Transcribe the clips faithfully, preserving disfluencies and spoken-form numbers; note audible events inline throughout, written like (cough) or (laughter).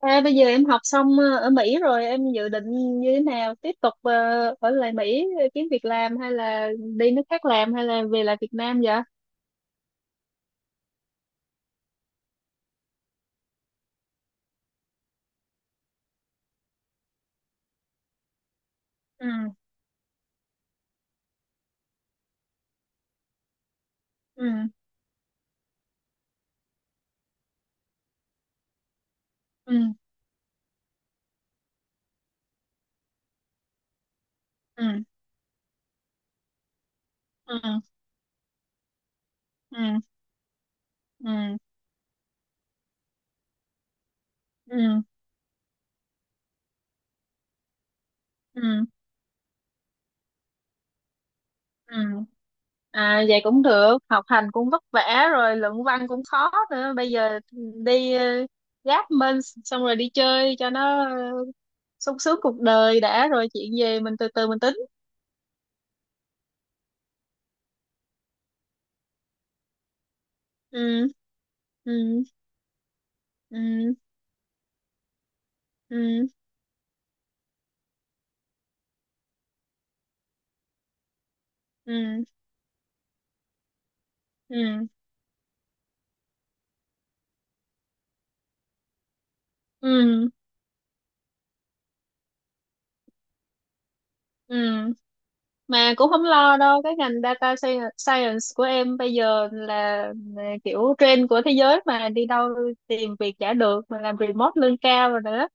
À, bây giờ em học xong ờ, ở Mỹ rồi em dự định như thế nào tiếp tục ờ, ở lại Mỹ ờ, kiếm việc làm hay là đi nước khác làm hay là về lại Việt Nam vậy? Ừ, ừ, ừ, ừ, ừ, ừ, ừ, ừ, ừ, ừ. À vậy cũng được, học hành cũng vất vả rồi luận văn cũng khó nữa. Bây giờ đi ờ, gáp minh xong rồi đi chơi cho nó ờ, sung sướng cuộc đời đã rồi chuyện về mình từ từ mình tính. Ừ, ừ, ừ, ừ, ừ, ừ. Ừ, ừ, ừ mà cũng không lo đâu cái ngành data sci- science của em bây giờ là là kiểu trend của thế giới mà đi đâu tìm việc chả được mà làm remote lương cao rồi nữa.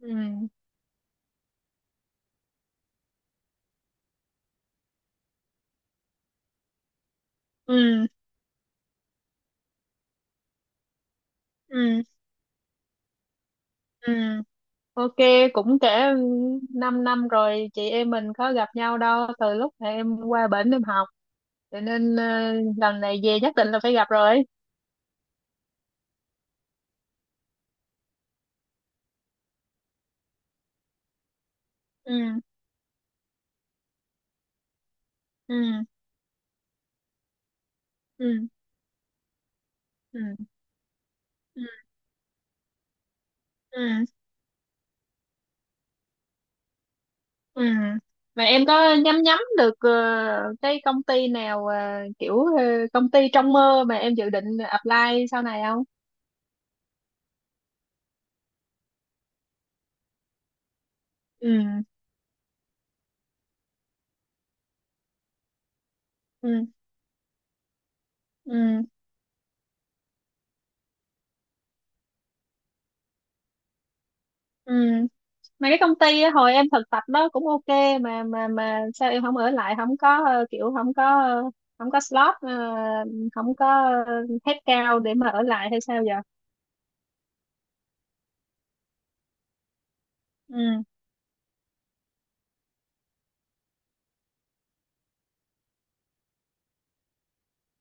Ừ, ừ, ừ, ừ, ok cũng kể 5 năm rồi chị em mình có gặp nhau đâu từ lúc mà em qua bển em học cho nên ờ, lần này về nhất định là phải gặp rồi. Ừ, ừ, ừ, ừ, ừ, ừ. Ừ. Mà em có nhắm nhắm được ờ, cái công ty nào ờ, kiểu ờ, công ty trong mơ mà em dự định apply sau này không? Ừ. Ừ. Ừ. Ừ. Mà cái công ty á, hồi em thực tập đó cũng ok mà mà mà sao em không ở lại không có ờ, kiểu không có ờ, không có slot ờ, không có ờ, headcount để mà ở lại hay sao giờ? Ừ.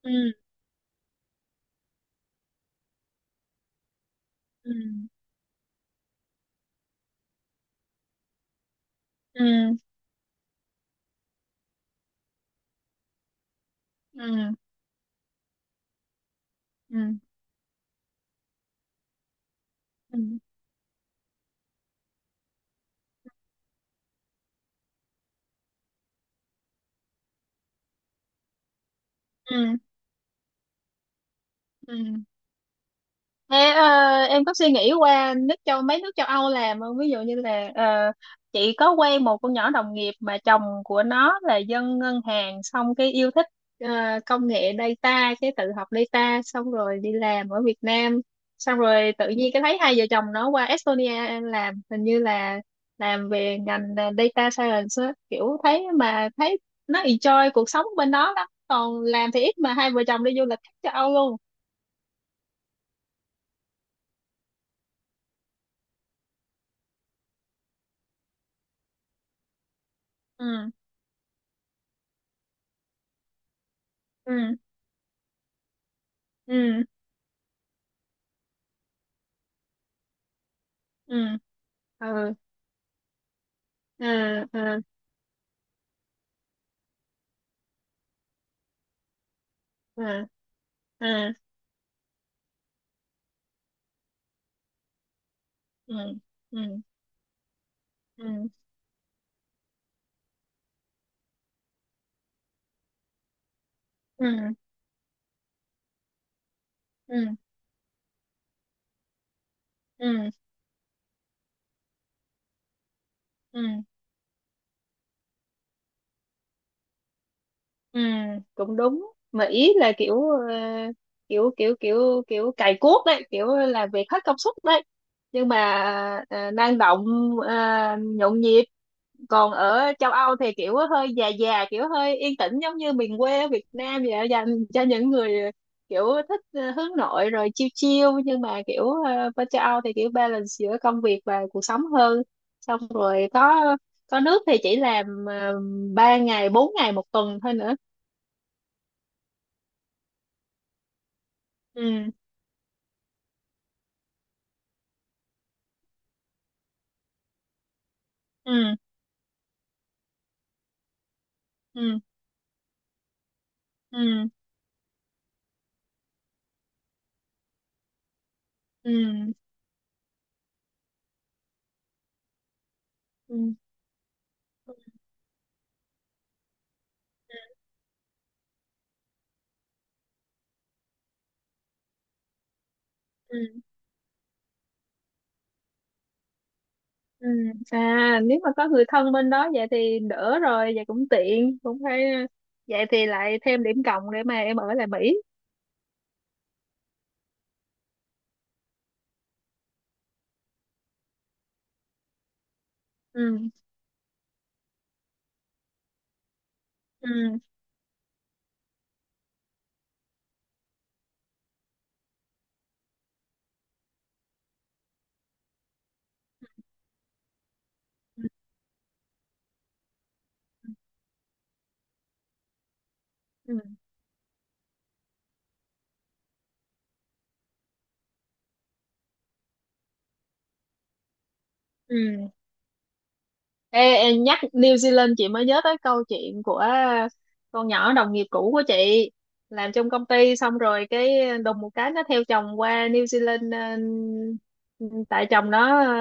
Ừ. Ừ. Ừ. Ừ. Ừ. Ừ. Ừ. Ừ. Ừ. Thế, ờ, em có suy nghĩ qua nước châu mấy nước châu Âu làm không? Ví dụ như là ờ, chị có quen một con nhỏ đồng nghiệp mà chồng của nó là dân ngân hàng xong cái yêu thích ờ, công nghệ data cái tự học data xong rồi đi làm ở Việt Nam xong rồi tự nhiên cái thấy hai vợ chồng nó qua Estonia làm hình như là làm về ngành ờ, data science á. Kiểu thấy mà thấy nó enjoy cuộc sống bên đó lắm còn làm thì ít mà hai vợ chồng đi du lịch khắp châu Âu luôn. Ừ, ừ, ừ, ừ, ừ, ừ, ừ, ừ, ừ, ừ, ừ, ừ, ừ, ừ, ừ, ừ, ừ, cũng đúng mà ý là kiểu ờ, kiểu kiểu kiểu kiểu cày cuốc đấy kiểu làm việc hết công suất đấy nhưng mà ờ, năng động ờ, nhộn nhịp còn ở châu Âu thì kiểu hơi già già kiểu hơi yên tĩnh giống như miền quê ở Việt Nam vậy dành cho những người kiểu thích ờ, hướng nội rồi chill chill nhưng mà kiểu ờ, bên châu Âu thì kiểu balance giữa công việc và cuộc sống hơn xong rồi có có nước thì chỉ làm uh, ba ngày bốn ngày một tuần thôi nữa. Ừ, ừ, ừ, ừ, ừ, ừ, ừ, ừ, ừ. Ừ. À nếu mà có người thân bên đó vậy thì đỡ rồi vậy cũng tiện cũng phải vậy thì lại thêm điểm cộng để mà em ở lại Mỹ. Ừ, ừ, ừ, ừ, ừ. Ê, ê, nhắc New Zealand chị mới nhớ tới câu chuyện của con nhỏ đồng nghiệp cũ của chị làm trong công ty xong rồi cái đùng một cái nó theo chồng qua New Zealand, ờ, tại chồng nó ờ,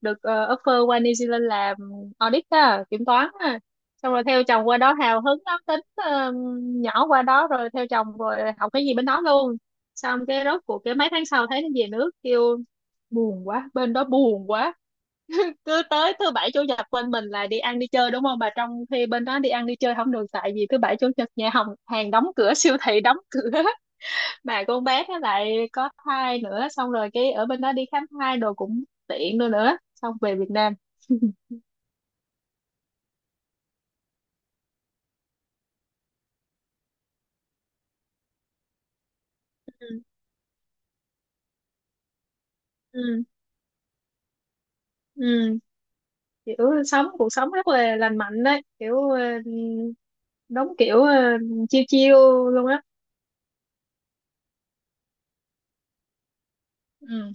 được ờ, offer qua New Zealand làm audit á, kiểm toán á. Xong rồi theo chồng qua đó hào hứng lắm tính ờ, nhỏ qua đó rồi theo chồng rồi học cái gì bên đó luôn xong cái rốt cuộc cái mấy tháng sau thấy nó về nước kêu buồn quá bên đó buồn quá cứ tới thứ bảy chủ nhật bên mình là đi ăn đi chơi đúng không bà trong khi bên đó đi ăn đi chơi không được tại vì thứ bảy chủ nhật nhà hàng hàng đóng cửa (laughs) siêu thị đóng cửa (laughs) mà con bé nó lại có thai nữa xong rồi cái ở bên đó đi khám thai đồ cũng tiện nữa nữa xong về Việt Nam. Ừ, ừ, ừ kiểu sống cuộc sống rất là lành mạnh đấy kiểu ờ, đúng kiểu ờ, chiêu chiêu luôn á. Ừ,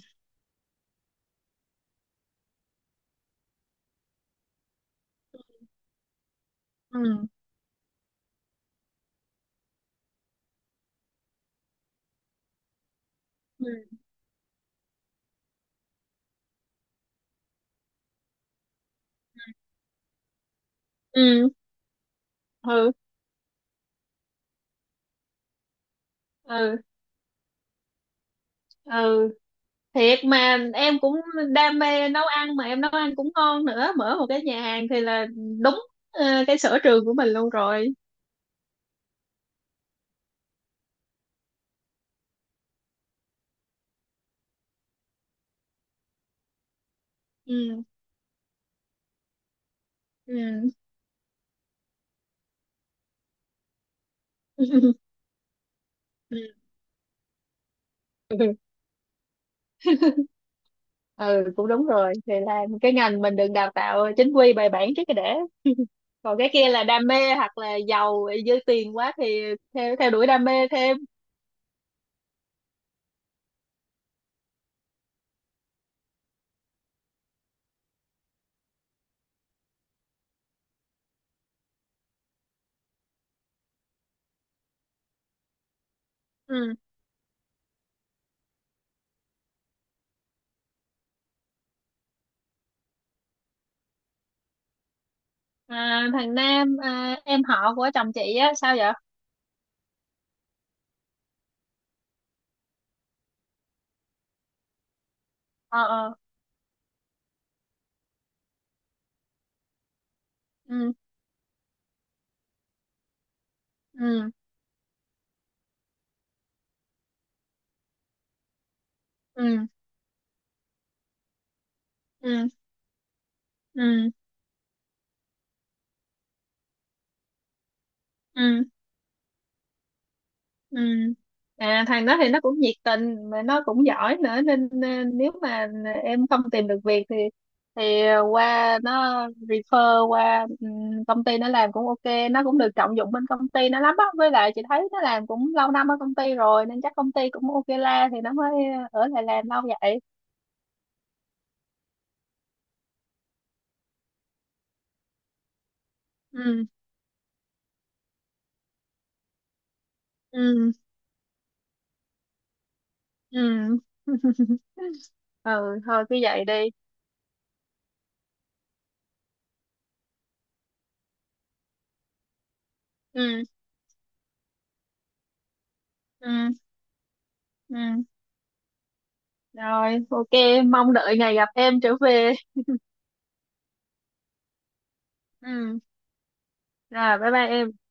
ừ, ừ, ừ, ừ, ừ thiệt mà em cũng đam mê nấu ăn mà em nấu ăn cũng ngon nữa mở một cái nhà hàng thì là đúng ờ, cái sở trường của mình luôn rồi. Ừ, ừ, (laughs) ừ, ừ cũng đúng rồi thì là cái ngành mình đừng đào tạo chính quy bài bản trước cái để (laughs) còn cái kia là đam mê hoặc là giàu dư tiền quá thì theo theo đuổi đam mê thêm. Ừ, à, thằng Nam à, em họ của chồng chị á sao vậy? Ờ, ờ, ừ, ừ, ừ, ừ, ừ, ừ. Ừ. À, thằng đó thì nó cũng nhiệt tình mà nó cũng giỏi nữa nên, nên nếu mà em không tìm được việc thì thì qua nó refer qua ừm, công ty nó làm cũng ok, nó cũng được trọng dụng bên công ty nó lắm á với lại chị thấy nó làm cũng lâu năm ở công ty rồi nên chắc công ty cũng ok la thì nó mới ở lại làm lâu vậy. Ừ, ừ, ừ, (laughs) ừ thôi cứ vậy đi. Ừ, ừ, ừ rồi ok mong đợi ngày gặp em trở về. Ừ. Rồi, bye bye em.